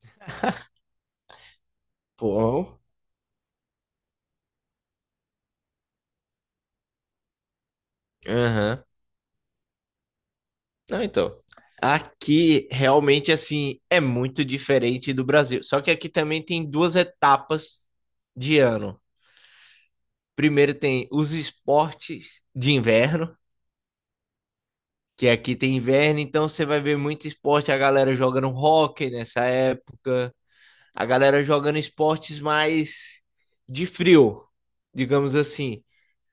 Bom, aham. Não, então, aqui realmente assim é muito diferente do Brasil. Só que aqui também tem duas etapas de ano. Primeiro tem os esportes de inverno, que aqui tem inverno, então você vai ver muito esporte, a galera jogando hóquei nessa época, a galera jogando esportes mais de frio, digamos assim.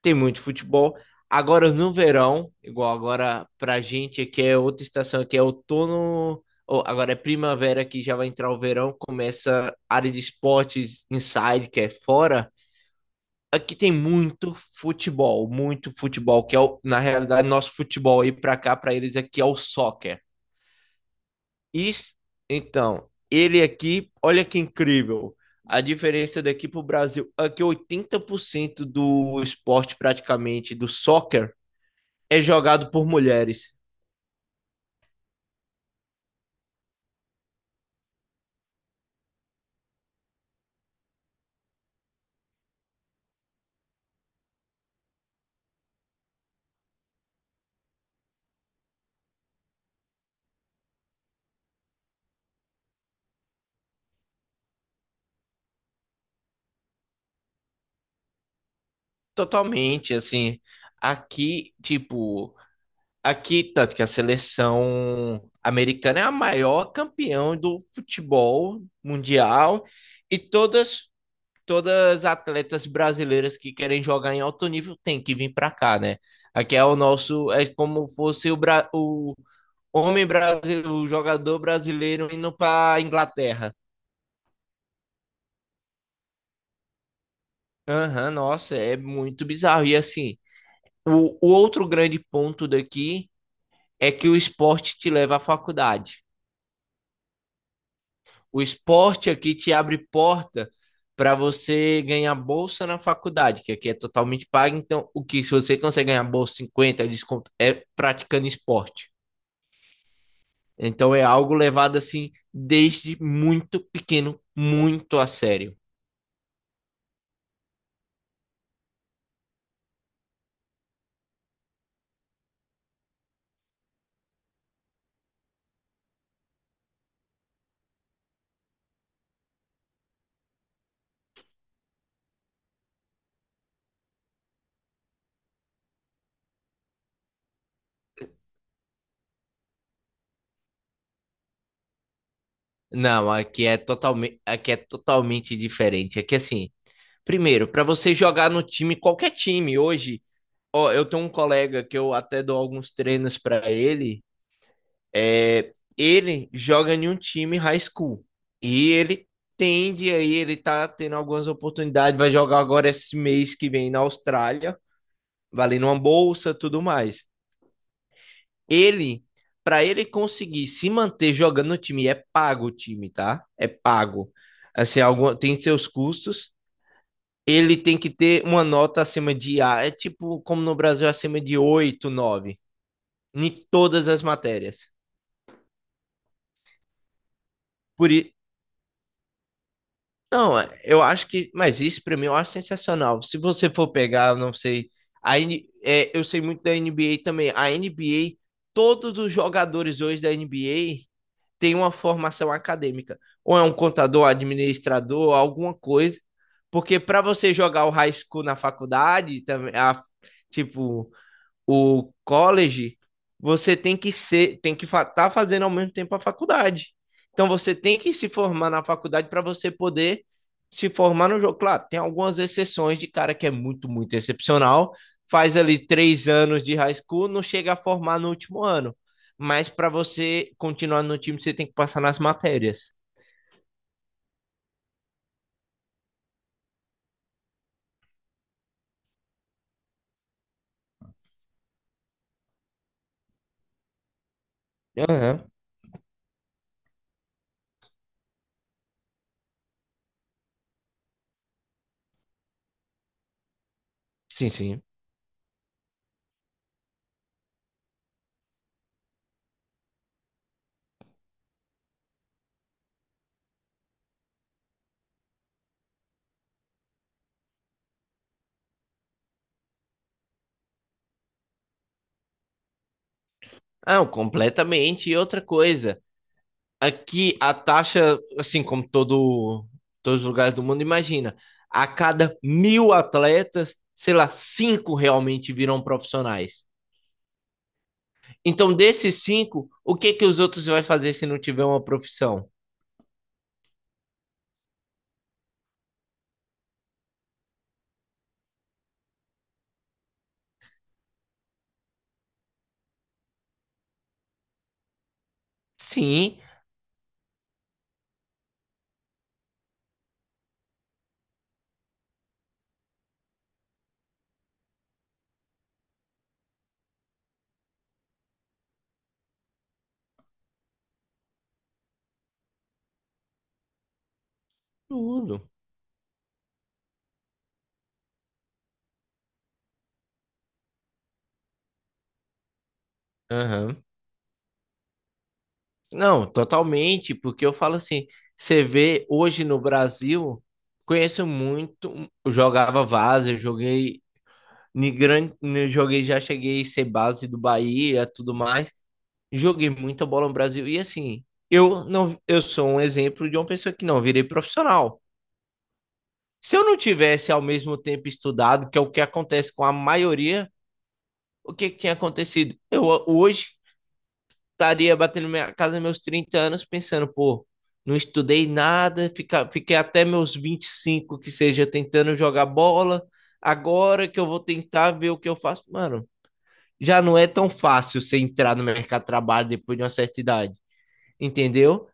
Tem muito futebol. Agora no verão, igual agora pra gente aqui é outra estação, aqui é outono, ou agora é primavera que já vai entrar o verão, começa a área de esportes inside, que é fora. Aqui tem muito futebol, que é na realidade nosso futebol aí pra cá, pra eles aqui é o soccer. Isso, então, ele aqui, olha que incrível. A diferença daqui para o Brasil é que 80% do esporte, praticamente, do soccer, é jogado por mulheres. Totalmente, assim. Aqui, tipo, aqui, tanto que a seleção americana é a maior campeã do futebol mundial e todas as atletas brasileiras que querem jogar em alto nível têm que vir para cá, né? Aqui é o nosso, é como fosse o homem brasileiro, o jogador brasileiro indo para Inglaterra. Aham, nossa, é muito bizarro. E assim, o outro grande ponto daqui é que o esporte te leva à faculdade. O esporte aqui te abre porta para você ganhar bolsa na faculdade, que aqui é totalmente paga. Então, o que se você consegue ganhar bolsa 50, desconto é praticando esporte. Então é algo levado assim desde muito pequeno, muito a sério. Não, aqui é totalmente diferente. Aqui assim, primeiro, para você jogar no time, qualquer time hoje, ó, eu tenho um colega que eu até dou alguns treinos para ele. É, ele joga em um time high school e ele tende aí, ele tá tendo algumas oportunidades, vai jogar agora esse mês que vem na Austrália, valendo uma bolsa, tudo mais. Ele, para ele conseguir se manter jogando no time, é pago o time, tá? É pago. Assim, algum, tem seus custos. Ele tem que ter uma nota acima de A, é tipo como no Brasil acima de 8, 9, em todas as matérias. Por, Não, eu acho que. Mas isso pra mim eu acho sensacional. Se você for pegar, eu não sei. Eu sei muito da NBA também. A NBA, todos os jogadores hoje da NBA têm uma formação acadêmica. Ou é um contador, administrador, alguma coisa. Porque pra você jogar o high school na faculdade, também, tipo, o college, você tem que ser, tem que estar tá fazendo ao mesmo tempo a faculdade. Então você tem que se formar na faculdade para você poder se formar no jogo. Claro, tem algumas exceções de cara que é muito, muito excepcional, faz ali três anos de high school, não chega a formar no último ano. Mas para você continuar no time, você tem que passar nas matérias. Aham. Sim, sim. Ah, completamente. E outra coisa. Aqui a taxa, assim como todo, todos os lugares do mundo, imagina, a cada 1.000 atletas, sei lá, cinco realmente viram profissionais. Então, desses cinco, o que que os outros vai fazer se não tiver uma profissão? Sim, tudo. Aham. Não, totalmente, porque eu falo assim, você vê hoje no Brasil, conheço muito, eu jogava vaza, eu joguei, em grande, joguei, já cheguei a ser base do Bahia, tudo mais. Joguei muita bola no Brasil. E assim, eu não, eu sou um exemplo de uma pessoa que não virei profissional. Se eu não tivesse ao mesmo tempo estudado, que é o que acontece com a maioria, que tinha acontecido? Eu hoje estaria batendo minha casa meus 30 anos pensando, pô, não estudei nada, fiquei até meus 25 que seja tentando jogar bola. Agora que eu vou tentar ver o que eu faço, mano, já não é tão fácil você entrar no mercado de trabalho depois de uma certa idade. Entendeu?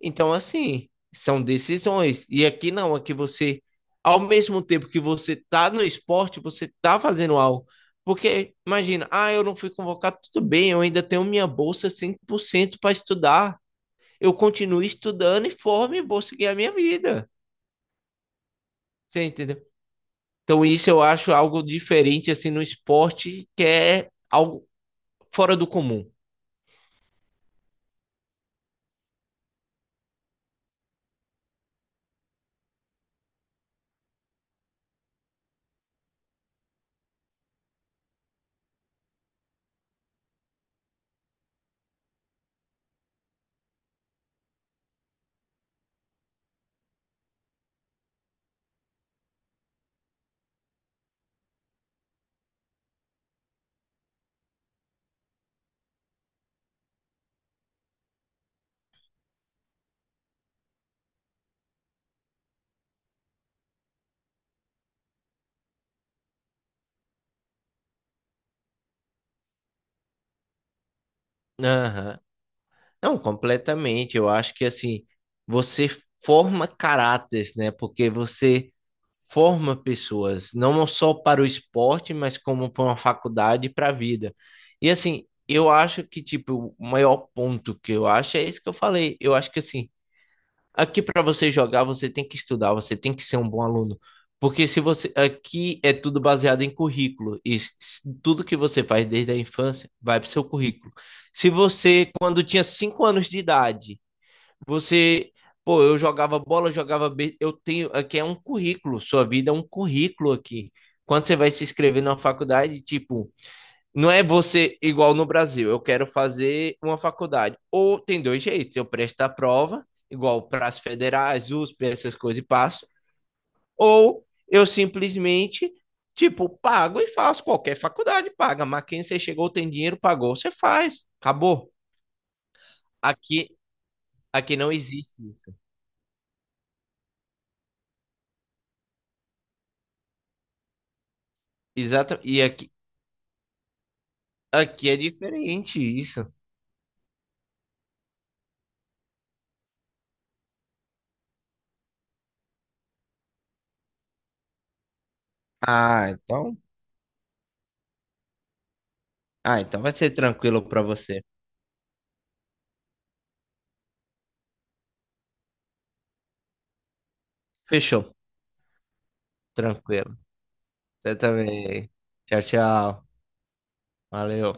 Então, assim, são decisões. E aqui não, aqui você, ao mesmo tempo que você tá no esporte, você tá fazendo algo. Porque, imagina, ah, eu não fui convocado, tudo bem, eu ainda tenho minha bolsa 100% para estudar. Eu continuo estudando e formo e vou seguir a minha vida. Você entendeu? Então, isso eu acho algo diferente, assim, no esporte, que é algo fora do comum. Aham. Não, completamente. Eu acho que assim, você forma caráteres, né? Porque você forma pessoas, não só para o esporte, mas como para uma faculdade e para a vida. E assim, eu acho que tipo, o maior ponto que eu acho é isso que eu falei. Eu acho que assim, aqui para você jogar, você tem que estudar, você tem que ser um bom aluno. Porque se você aqui é tudo baseado em currículo tudo que você faz desde a infância vai para o seu currículo. Se você, quando tinha 5 anos de idade, você, pô, eu jogava bola, eu tenho, aqui é um currículo, sua vida é um currículo aqui. Quando você vai se inscrever numa faculdade, tipo, não é você igual no Brasil, eu quero fazer uma faculdade. Ou tem dois jeitos, eu presto a prova, igual para as federais, USP, essas coisas e passo, ou eu simplesmente, tipo, pago e faço. Qualquer faculdade paga, mas quem você chegou, tem dinheiro, pagou, você faz, acabou. Aqui, aqui não existe isso. Exato, e aqui, aqui é diferente isso. Ah, então, ah, então vai ser tranquilo para você. Fechou, tranquilo. Você também. Tchau, tchau. Valeu.